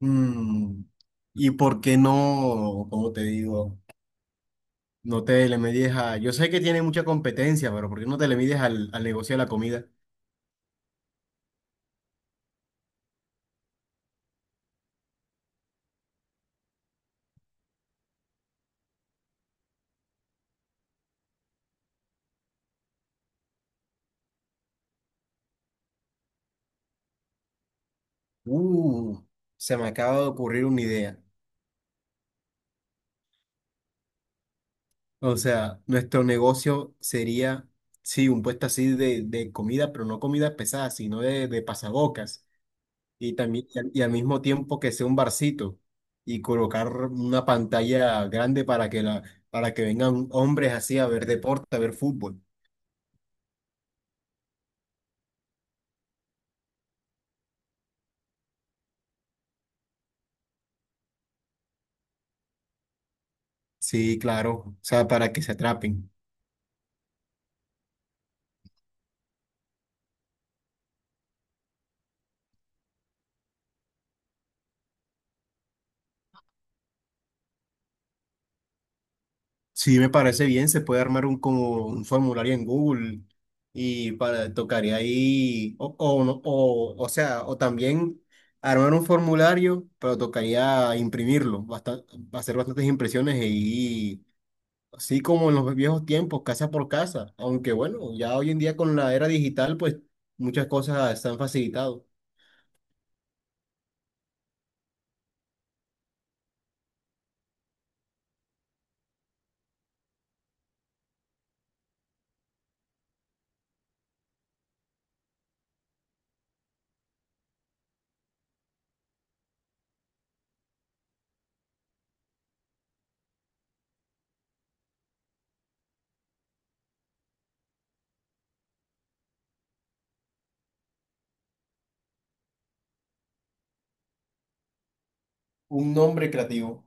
Mm, ¿Y por qué no, como te digo, no te le mides a... Yo sé que tiene mucha competencia, pero ¿por qué no te le mides al negocio de la comida? Uh, se me acaba de ocurrir una idea. O sea, nuestro negocio sería, sí, un puesto así de comida, pero no comida pesada, sino de pasabocas. Y también, y al mismo tiempo que sea un barcito y colocar una pantalla grande para que vengan hombres así a ver deporte, a ver fútbol. Sí, claro. O sea, para que se atrapen. Sí, me parece bien, se puede armar como un formulario en Google y para, tocaría ahí, o, no- o sea, o también armar un formulario, pero tocaría imprimirlo, hacer bastantes impresiones y así como en los viejos tiempos, casa por casa, aunque bueno, ya hoy en día con la era digital, pues muchas cosas están facilitadas. Un nombre creativo,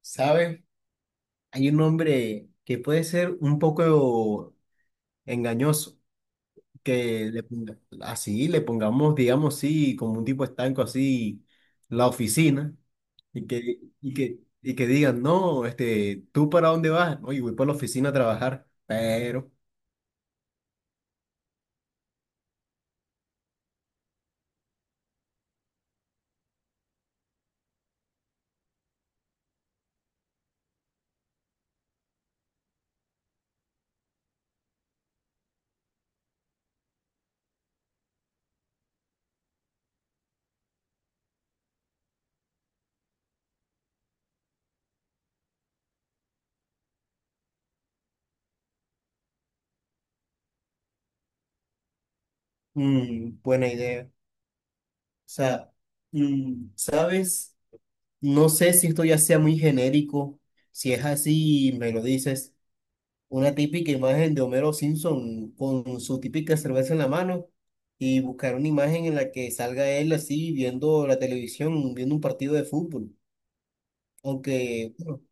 ¿sabes? Hay un nombre que puede ser un poco engañoso. Así le pongamos, digamos, sí, como un tipo estanco así, la oficina, y que digan, no, ¿tú para dónde vas? Oye, voy para la oficina a trabajar, pero, buena idea. O sea, ¿sabes? No sé si esto ya sea muy genérico, si es así, me lo dices. Una típica imagen de Homero Simpson con su típica cerveza en la mano y buscar una imagen en la que salga él así viendo la televisión, viendo un partido de fútbol. Aunque, bueno,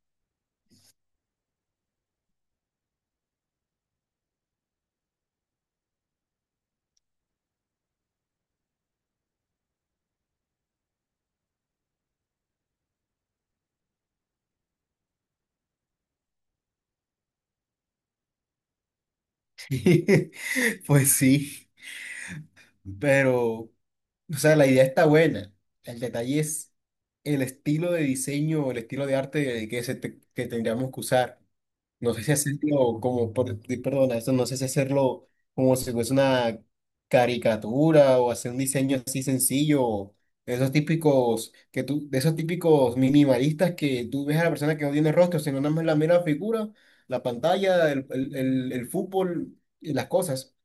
pues sí, pero, o sea, la idea está buena. El detalle es el estilo de diseño, el estilo de arte que, que tendríamos que usar. No sé si hacerlo como, perdona, eso no sé si hacerlo como si fuese una caricatura o hacer un diseño así sencillo, de esos típicos que tú, de esos típicos minimalistas que tú ves a la persona que no tiene rostro, sino nada más la mera figura, la pantalla, el fútbol y las cosas.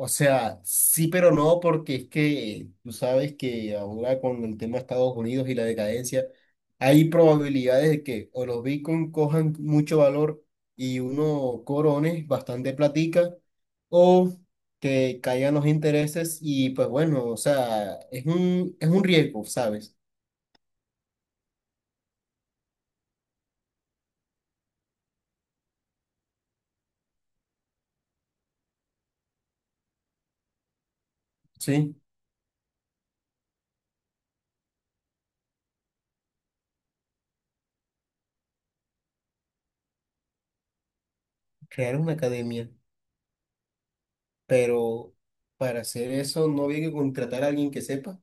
O sea, sí, pero no, porque es que tú sabes que ahora con el tema de Estados Unidos y la decadencia, hay probabilidades de que o los Bitcoin cojan mucho valor y uno corone bastante platica, o que caigan los intereses y pues bueno, o sea, es un riesgo, ¿sabes? Sí, crear una academia, pero para hacer eso no había que contratar a alguien que sepa.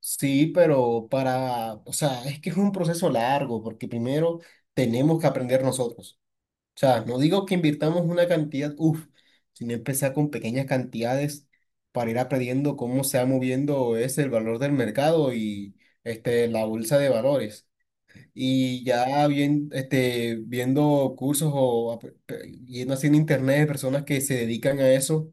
Sí, pero para, o sea, es que es un proceso largo, porque primero tenemos que aprender nosotros. O sea, no digo que invirtamos una cantidad, uff, sino empezar con pequeñas cantidades para ir aprendiendo cómo se va moviendo es el valor del mercado y la bolsa de valores. Y ya bien, viendo cursos o yendo así en internet de personas que se dedican a eso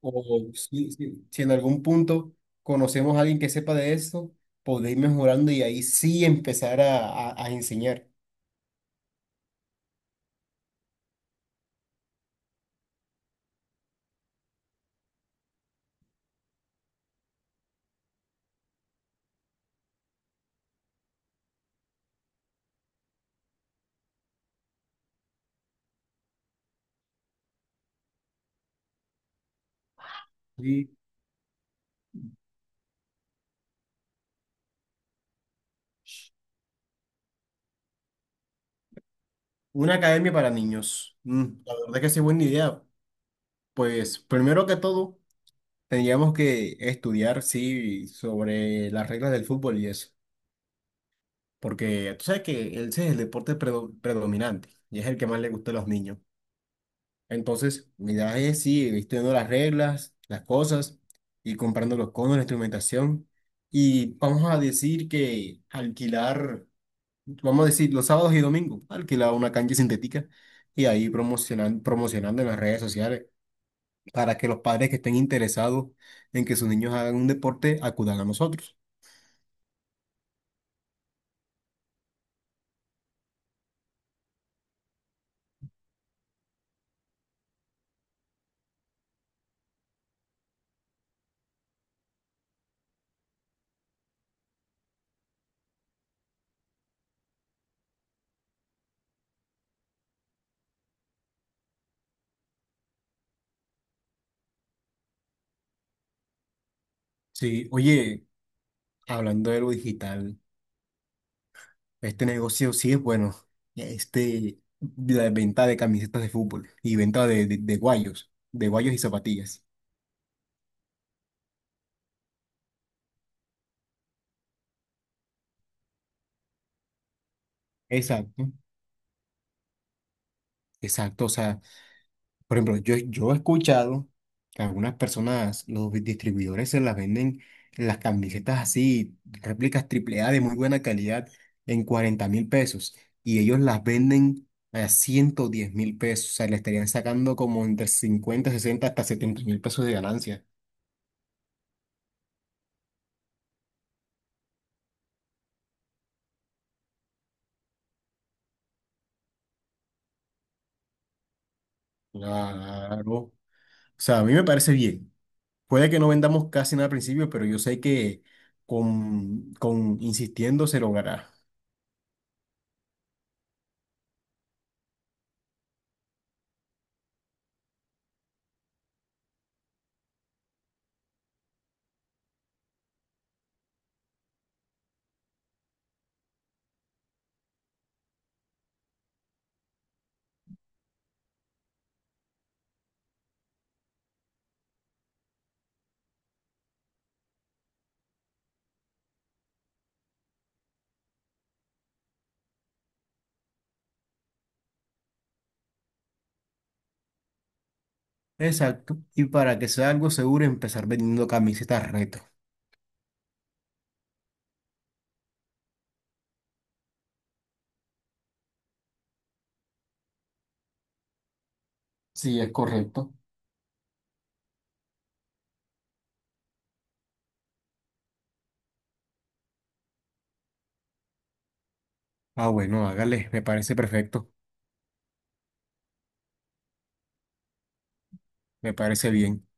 o si en algún punto conocemos a alguien que sepa de esto, podéis ir mejorando y ahí sí empezar a enseñar. Y una academia para niños. La verdad que sí, buena idea. Pues primero que todo, tendríamos que estudiar, sí, sobre las reglas del fútbol y eso. Porque tú sabes que ese es el deporte predominante y es el que más le gusta a los niños. Entonces, mi idea es sí, vistiendo las reglas, las cosas, y comprando los conos, la instrumentación. Y vamos a decir que alquilar, vamos a decir los sábados y domingos, alquilar una cancha sintética y ahí promocionando en las redes sociales para que los padres que estén interesados en que sus niños hagan un deporte acudan a nosotros. Sí, oye, hablando de lo digital. Este negocio sí es bueno. Este, la venta de camisetas de fútbol y venta de guayos y zapatillas. Exacto, exacto. O sea, por ejemplo, yo he escuchado que algunas personas, los distribuidores se las venden las camisetas así, réplicas triple A de muy buena calidad, en 40.000 pesos. Y ellos las venden a 110.000 pesos. O sea, le estarían sacando como entre 50 60 hasta 70.000 pesos de ganancia. Claro. O sea, a mí me parece bien. Puede que no vendamos casi nada al principio, pero yo sé que con insistiendo se logrará. Exacto. Y para que sea algo seguro, empezar vendiendo camisetas reto. Sí, es correcto. Ah, bueno, hágale, me parece perfecto, me parece bien.